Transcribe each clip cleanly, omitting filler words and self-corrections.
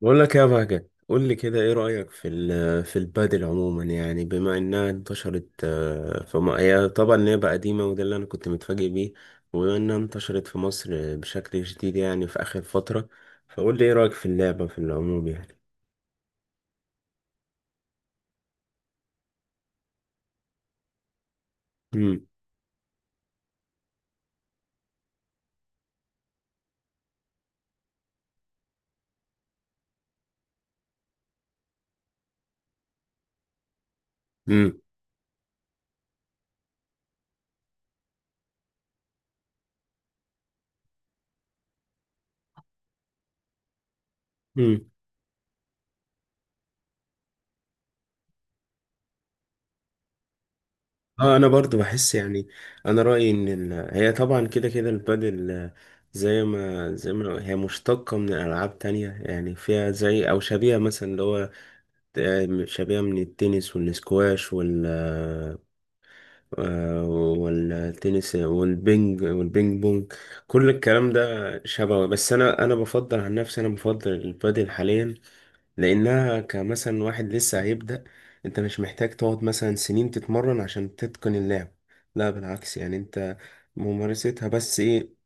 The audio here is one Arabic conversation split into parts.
بقول لك يا بهجت، قول لي كده ايه رأيك في في البادل عموما؟ يعني بما انها انتشرت في هي بقى قديمة، وده اللي انا كنت متفاجئ بيه. وبما انها انتشرت في مصر بشكل جديد يعني في آخر فترة، فقول لي ايه رأيك في اللعبة في العموم يعني. امم. امم. امم. اه، انا برضو بحس يعني، انا رأيي ان هي طبعا كده كده البادل زي ما هي مشتقة من ألعاب تانية، يعني فيها زي أو شبيهة، مثلا اللي هو شبيهة من التنس والسكواش والتنس والبينج والبينج بونج، كل الكلام ده شبه. بس انا، بفضل عن نفسي، انا بفضل البادل حاليا، لانها كمثلا واحد لسه هيبدأ، انت مش محتاج تقعد مثلا سنين تتمرن عشان تتقن اللعب. لا بالعكس، يعني انت ممارستها بس ايه،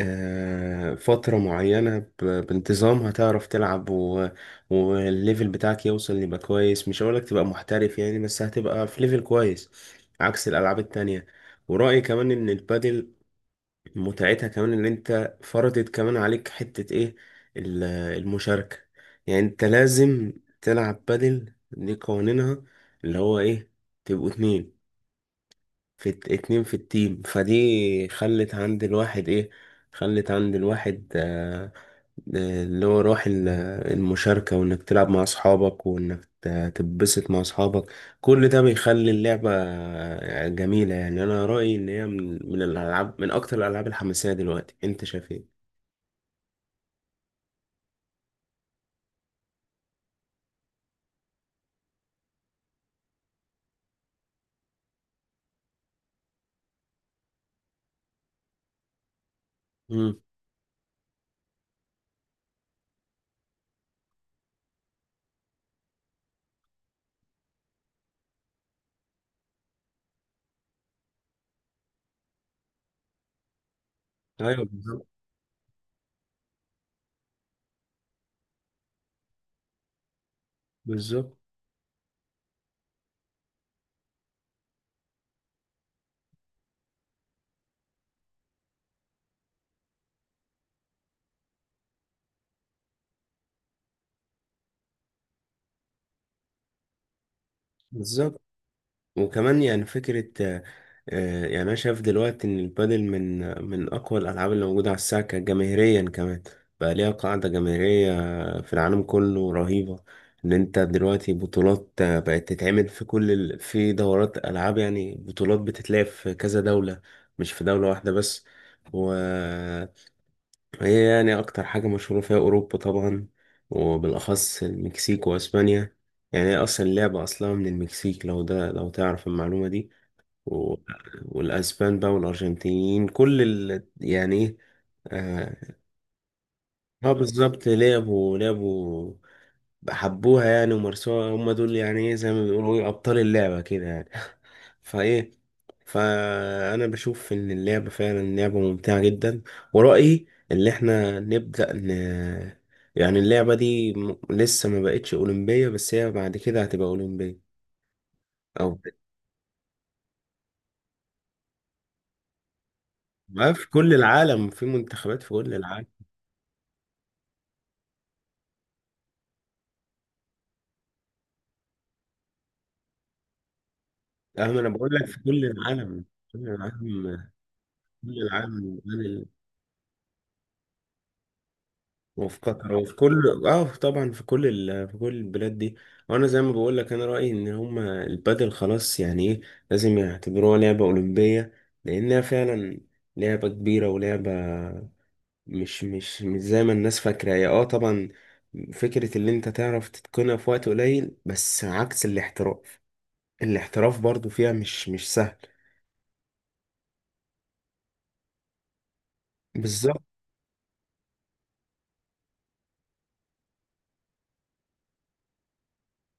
فترة معينة بانتظام هتعرف تلعب، و... والليفل بتاعك يوصل يبقى كويس. مش هقولك تبقى محترف يعني، بس هتبقى في ليفل كويس، عكس الألعاب التانية. ورأيي كمان إن البادل متعتها كمان إن أنت فرضت كمان عليك حتة إيه، ال- المشاركة. يعني أنت لازم تلعب بادل، دي قوانينها اللي هو إيه، تبقوا اتنين اتنين في التيم، فدي خلت عند الواحد ايه، خلت عند الواحد اللي هو روح المشاركة، وانك تلعب مع اصحابك، وانك تتبسط مع اصحابك. كل ده بيخلي اللعبة جميلة. يعني انا رأيي ان هي من الالعاب، من اكتر الالعاب الحماسية دلوقتي. انت شايف ايه؟ مم. ايوه، بالظبط. بالظبط. بالظبط. وكمان يعني فكرة يعني أنا شايف دلوقتي إن البادل من أقوى الألعاب اللي موجودة على الساحة، جماهيريا كمان بقى ليها قاعدة جماهيرية في العالم كله رهيبة. إن أنت دلوقتي بطولات بقت تتعمل في في دورات ألعاب، يعني بطولات بتتلعب في كذا دولة، مش في دولة واحدة بس. و هي يعني أكتر حاجة مشهورة فيها أوروبا طبعا، وبالأخص المكسيك وأسبانيا. يعني هي أصلا اللعبة أصلها من المكسيك، لو ده لو تعرف المعلومة دي. و... والأسبان بقى والأرجنتينيين كل يعني إيه، آه، اه بالظبط، لعبوا، حبوها يعني ومارسوها، هم دول يعني ايه، زي ما بيقولوا ايه، ابطال اللعبة كده يعني. فايه فانا بشوف ان اللعبة فعلا لعبة ممتعة جدا. ورأيي اللي احنا نبدأ يعني اللعبة دي لسه ما بقتش أولمبية، بس هي بعد كده هتبقى أولمبية، او بقى في كل العالم في منتخبات في كل العالم. أهم انا بقول لك، في كل العالم. كل العالم. كل العالم. وفي قطر وفي كل، اه طبعا، في كل في كل البلاد دي. وانا زي ما بقول لك، انا رايي ان هما البادل خلاص يعني ايه، لازم يعتبروها لعبه اولمبيه، لانها فعلا لعبه كبيره، ولعبه مش زي ما الناس فاكره. هي اه طبعا فكره اللي انت تعرف تتقنها في وقت قليل، بس عكس الاحتراف. الاحتراف برضو فيها مش سهل. بالظبط.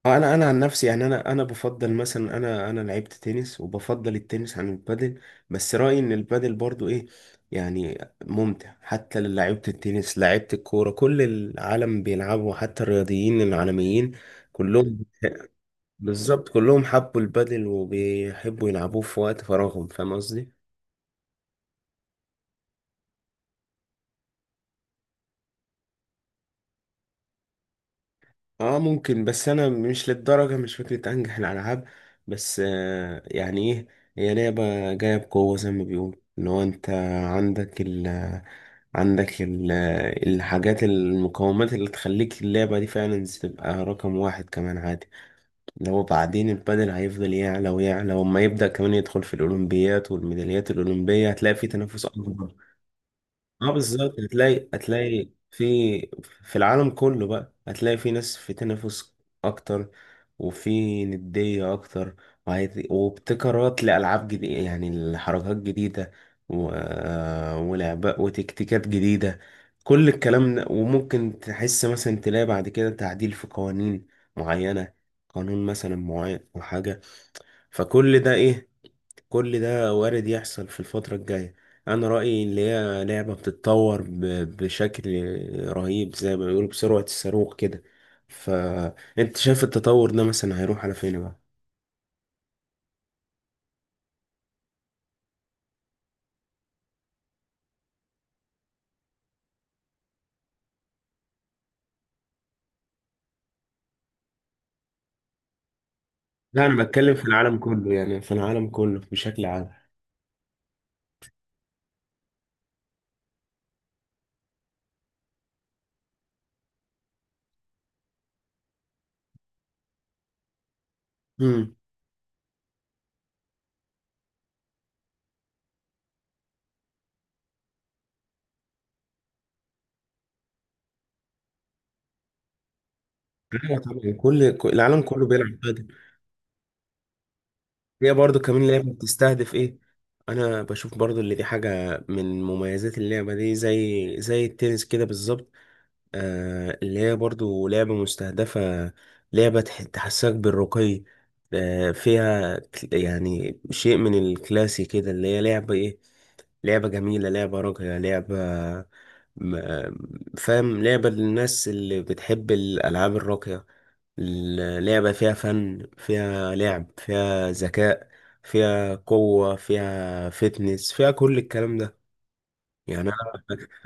اه انا، عن نفسي يعني، انا، بفضل مثلا، انا لعبت تنس، وبفضل التنس عن البادل. بس رأيي ان البادل برضو ايه يعني، ممتع حتى لعيبة التنس، لعيبة الكورة، كل العالم بيلعبوا، حتى الرياضيين العالميين كلهم. بالظبط، كلهم حبوا البادل وبيحبوا يلعبوه في وقت فراغهم. فاهم قصدي؟ اه ممكن، بس انا مش للدرجه، مش فكره انجح الالعاب. بس يعني ايه، هي لعبه جايه بقوه، زي ما بيقول ان هو انت عندك ال عندك الحاجات، المقومات اللي تخليك اللعبه دي فعلا تبقى رقم واحد كمان عادي. لو بعدين البدل هيفضل يعلى ويعلى، وما يبدا كمان يدخل في الاولمبيات والميداليات الاولمبيه، هتلاقي في تنافس اكبر. اه بالظبط، هتلاقي في العالم كله بقى، هتلاقي في ناس، في تنافس اكتر، وفي ندية اكتر، وابتكارات لألعاب جديدة، يعني لحركات جديدة، و... ولعبة وتكتيكات جديدة. كل الكلام ده، وممكن تحس مثلا تلاقي بعد كده تعديل في قوانين معينة، قانون مثلا معين أو حاجة. فكل ده ايه، كل ده وارد يحصل في الفترة الجاية. أنا رأيي إن هي لعبة بتتطور بشكل رهيب، زي ما بيقولوا بسرعة الصاروخ كده. فأنت شايف التطور ده مثلا هيروح على فين بقى؟ لا أنا بتكلم في العالم كله، يعني في العالم كله بشكل عام. امم. ايوه طبعا، العالم كله بيلعب قدم. هي برضو كمان لعبة بتستهدف إيه؟ أنا بشوف برضو اللي دي حاجة من مميزات اللعبة دي، زي التنس كده بالظبط، اللي هي برضو لعبة مستهدفة، لعبة تحسسك بالرقي، فيها يعني شيء من الكلاسي كده، اللي هي لعبة ايه، لعبة جميلة، لعبة راقية، لعبة فاهم، لعبة للناس اللي بتحب الألعاب الراقية. اللعبة فيها فن، فيها لعب، فيها ذكاء، فيها قوة، فيها فتنس، فيها كل الكلام ده، يعني انا،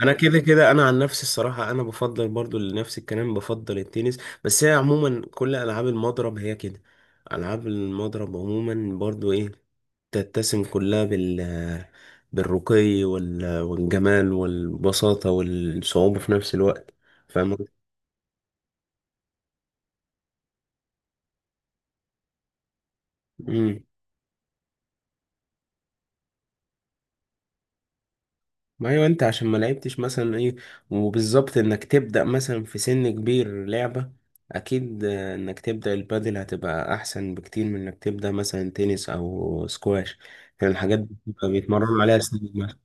كده كده، انا عن نفسي الصراحه، انا بفضل برضو لنفس الكلام، بفضل التنس. بس هي عموما كل العاب المضرب هي كده، العاب المضرب عموما برضو ايه، تتسم كلها بالرقي والجمال والبساطه والصعوبه في نفس الوقت. فاهم. ما ايوه، انت عشان ما لعبتش مثلا ايه، وبالظبط انك تبدأ مثلا في سن كبير لعبة، اكيد انك تبدأ البادل هتبقى احسن بكتير من انك تبدأ مثلا تنس او سكواش. يعني الحاجات دي بتبقى بيتمرنوا عليها سن ما.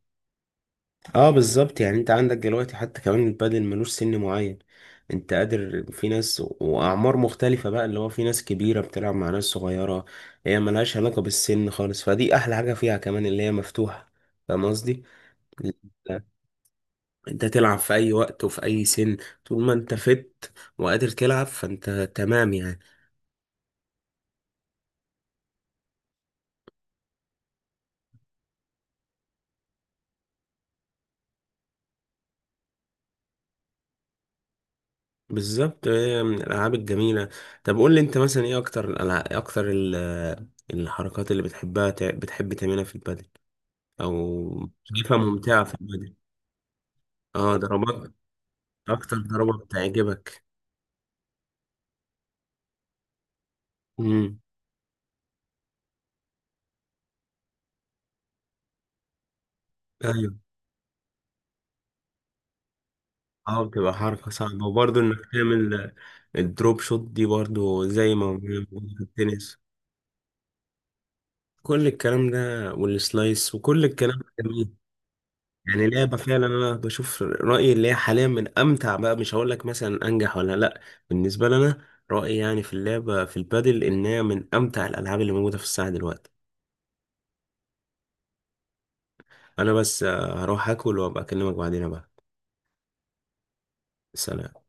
اه بالظبط، يعني انت عندك دلوقتي حتى كمان البادل ملوش سن معين. انت قادر، في ناس واعمار مختلفة بقى، اللي هو في ناس كبيرة بتلعب مع ناس صغيرة، هي ملهاش علاقة بالسن خالص. فدي احلى حاجة فيها كمان، اللي هي مفتوحة. فاهم قصدي؟ انت تلعب في اي وقت وفي اي سن، طول ما انت فت وقادر تلعب، فانت تمام يعني. بالظبط، هي من الالعاب الجميله. طب قول لي انت مثلا ايه اكتر الالعاب، الحركات اللي بتحبها، بتحب تعملها في البادل او شايفها ممتعه في البادل. اه ضربات، اكتر ضربه بتعجبك. امم. ايوه. اه بتبقى حركه صعبه، وبرضه انك تعمل الدروب شوت دي برضه، زي ما موجودة في التنس، كل الكلام ده، والسلايس، وكل الكلام ده جميل. يعني لعبة فعلا، أنا بشوف رأيي اللي هي حاليا من أمتع بقى، مش هقول لك مثلا أنجح ولا لأ، بالنسبة لنا رأيي يعني في اللعبة في البادل، إنها من أمتع الألعاب اللي موجودة في الساعة دلوقتي. أنا بس هروح أكل وأبقى أكلمك بعدين بقى. سلام.